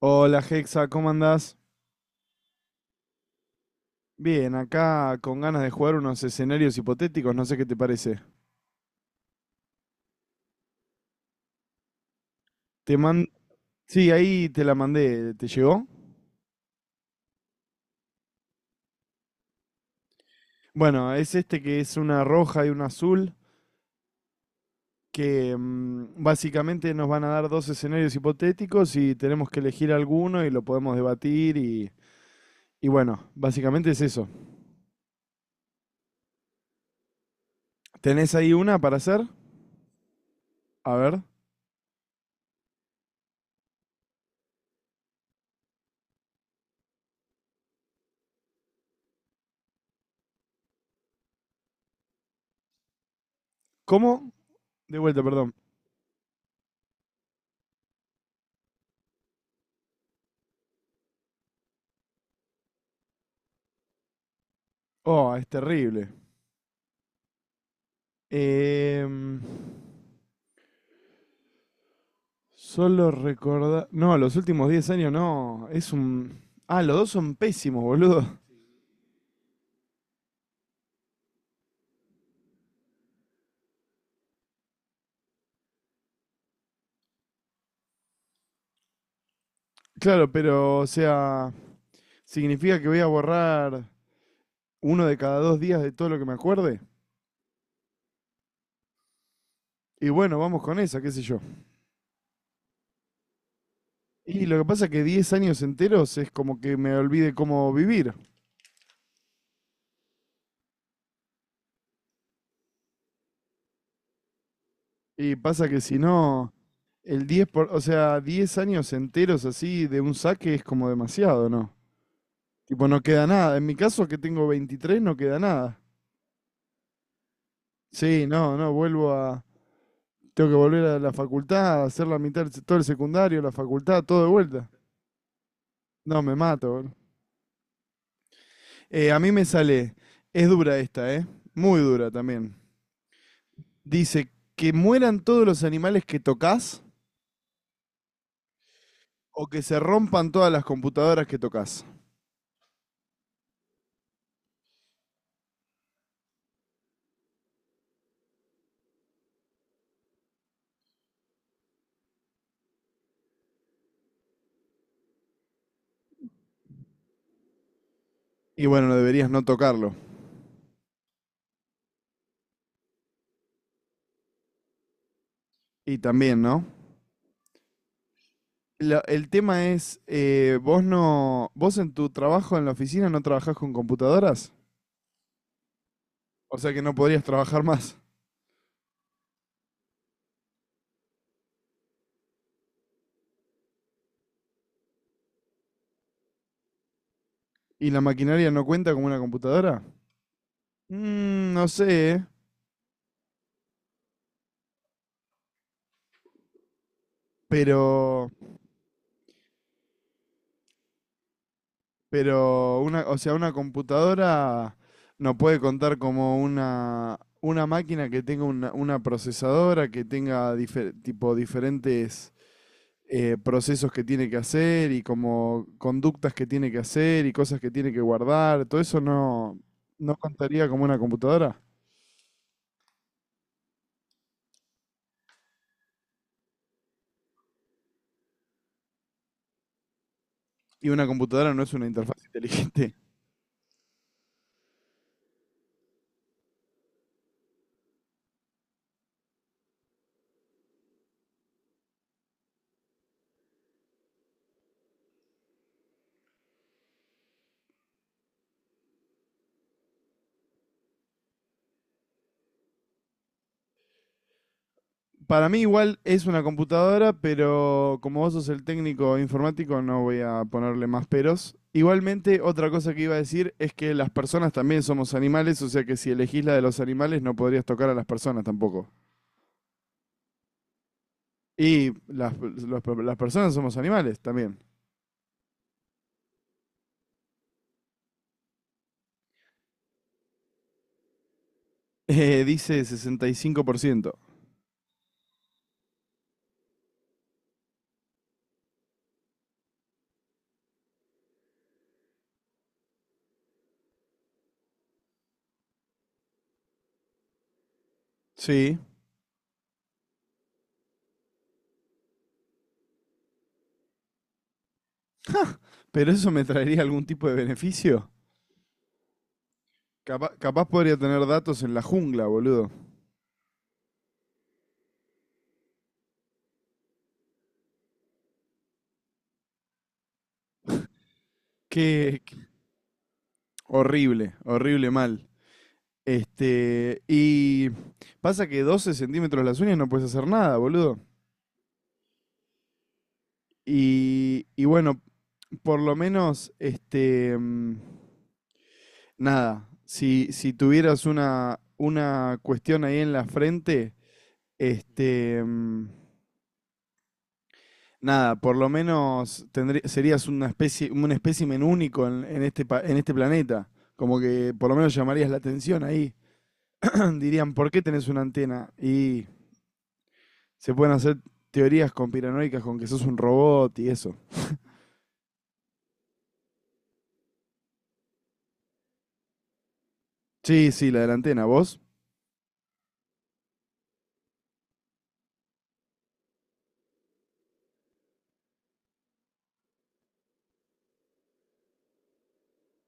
Hola Hexa, ¿cómo andás? Bien, acá con ganas de jugar unos escenarios hipotéticos, no sé qué te parece. Te man... Sí, ahí te la mandé, ¿te llegó? Bueno, es este que es una roja y una azul, que básicamente nos van a dar dos escenarios hipotéticos y tenemos que elegir alguno y lo podemos debatir y bueno, básicamente es eso. ¿Tenés ahí una para hacer? A ver. ¿Cómo? De vuelta, perdón. Oh, es terrible. Em, Solo recordar. No, los últimos 10 años no. Es un. Ah, los dos son pésimos, boludo. Claro, pero, o sea, significa que voy a borrar uno de cada 2 días de todo lo que me acuerde. Y bueno, vamos con esa, qué sé yo. Y lo que pasa es que 10 años enteros es como que me olvide cómo vivir. Y pasa que si no, el 10 por, o sea, 10 años enteros así de un saque es como demasiado, ¿no? Tipo, no queda nada. En mi caso, que tengo 23, no queda nada. Sí, no, no, vuelvo a. Tengo que volver a la facultad, hacer la mitad, todo el secundario, la facultad, todo de vuelta. No, me mato, boludo. A mí me sale, es dura esta, ¿eh? Muy dura también. Dice, que mueran todos los animales que tocas o que se rompan todas las computadoras que tocas. Y bueno, no deberías no tocarlo. Y también, ¿no? El tema es, vos no, vos en tu trabajo en la oficina no trabajás con computadoras, o sea que no podrías trabajar más. ¿Y la maquinaria no cuenta como una computadora? Mm, no sé, ¿eh? Pero, pero una, o sea, una computadora no puede contar como una máquina que tenga una procesadora, que tenga tipo diferentes procesos que tiene que hacer y como conductas que tiene que hacer y cosas que tiene que guardar. Todo eso no, no contaría como una computadora. Y una computadora no es una interfaz inteligente. Para mí igual es una computadora, pero como vos sos el técnico informático, no voy a ponerle más peros. Igualmente, otra cosa que iba a decir es que las personas también somos animales, o sea que si elegís la de los animales no podrías tocar a las personas tampoco. Y las, las personas somos animales también. Dice 65%. Sí. ¿Pero eso me traería algún tipo de beneficio? Capaz podría tener datos en la jungla, boludo. Qué qué- Horrible, horrible mal. Este, y pasa que 12 centímetros las uñas no puedes hacer nada, boludo. Y bueno, por lo menos, este, nada, si tuvieras una cuestión ahí en la frente, este, nada, por lo menos serías una especie, un espécimen único en este planeta. Como que por lo menos llamarías la atención ahí. Dirían, ¿por qué tenés una antena? Y se pueden hacer teorías conspiranoicas con que sos un robot y eso. Sí, sí, la de la antena, vos.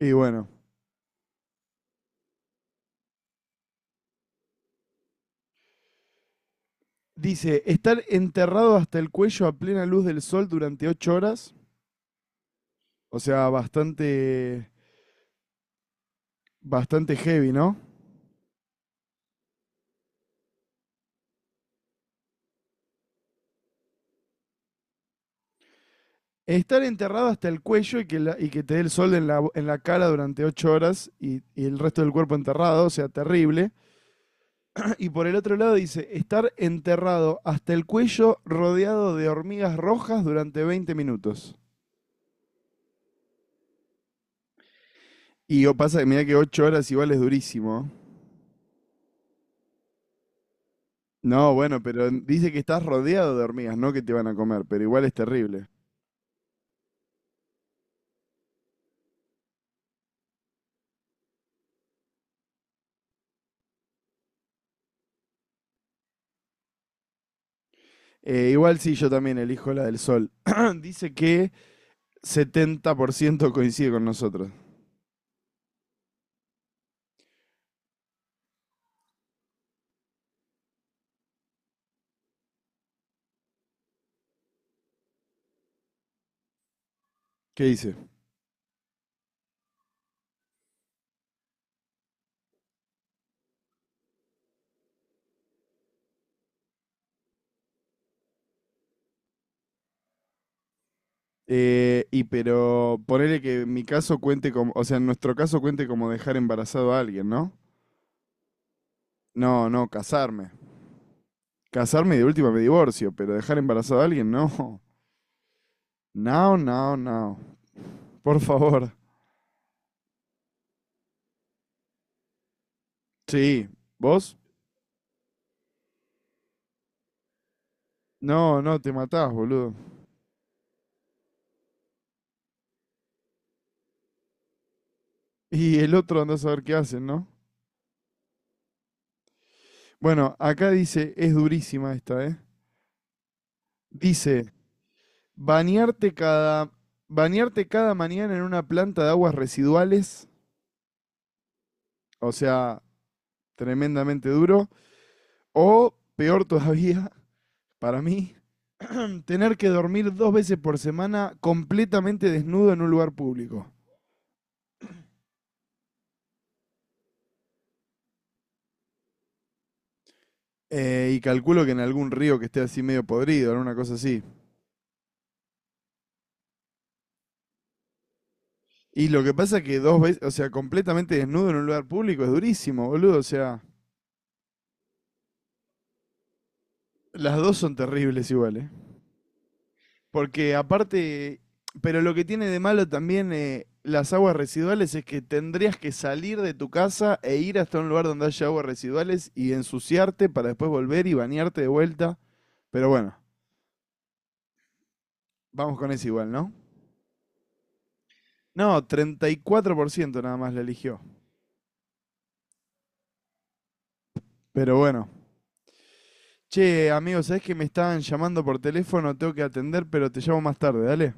Y bueno. Dice, estar enterrado hasta el cuello a plena luz del sol durante 8 horas. O sea, bastante, bastante heavy, ¿no? Estar enterrado hasta el cuello y que, y que te dé el sol en la cara durante 8 horas y el resto del cuerpo enterrado, o sea, terrible. Y por el otro lado dice, estar enterrado hasta el cuello rodeado de hormigas rojas durante 20 minutos. Y yo pasa que mira que 8 horas igual es durísimo. No, bueno, pero dice que estás rodeado de hormigas, no que te van a comer, pero igual es terrible. Igual sí, yo también elijo la del sol. Dice que 70% coincide con nosotros. ¿Qué dice? Y pero ponele que mi caso cuente como, o sea, en nuestro caso cuente como dejar embarazado a alguien, ¿no? No, no, casarme. Casarme y de última me divorcio, pero dejar embarazado a alguien, no. No, no, no. Por favor. Sí. ¿Vos? No, no, te matás, boludo. Y el otro andás a ver qué hacen, ¿no? Bueno, acá dice, es durísima esta, ¿eh? Dice, bañarte cada, bañarte cada mañana en una planta de aguas residuales, o sea, tremendamente duro, o peor todavía, para mí, tener que dormir dos veces por semana completamente desnudo en un lugar público. Y calculo que en algún río que esté así medio podrido, en una cosa así. Y lo que pasa es que dos veces, o sea, completamente desnudo en un lugar público es durísimo, boludo. O sea, las dos son terribles iguales. Porque aparte, pero lo que tiene de malo también las aguas residuales es que tendrías que salir de tu casa e ir hasta un lugar donde haya aguas residuales y ensuciarte para después volver y bañarte de vuelta. Pero bueno, vamos con eso igual, ¿no? No, 34% nada más la eligió. Pero bueno. Che, amigo, ¿sabés que me estaban llamando por teléfono? Tengo que atender, pero te llamo más tarde, dale.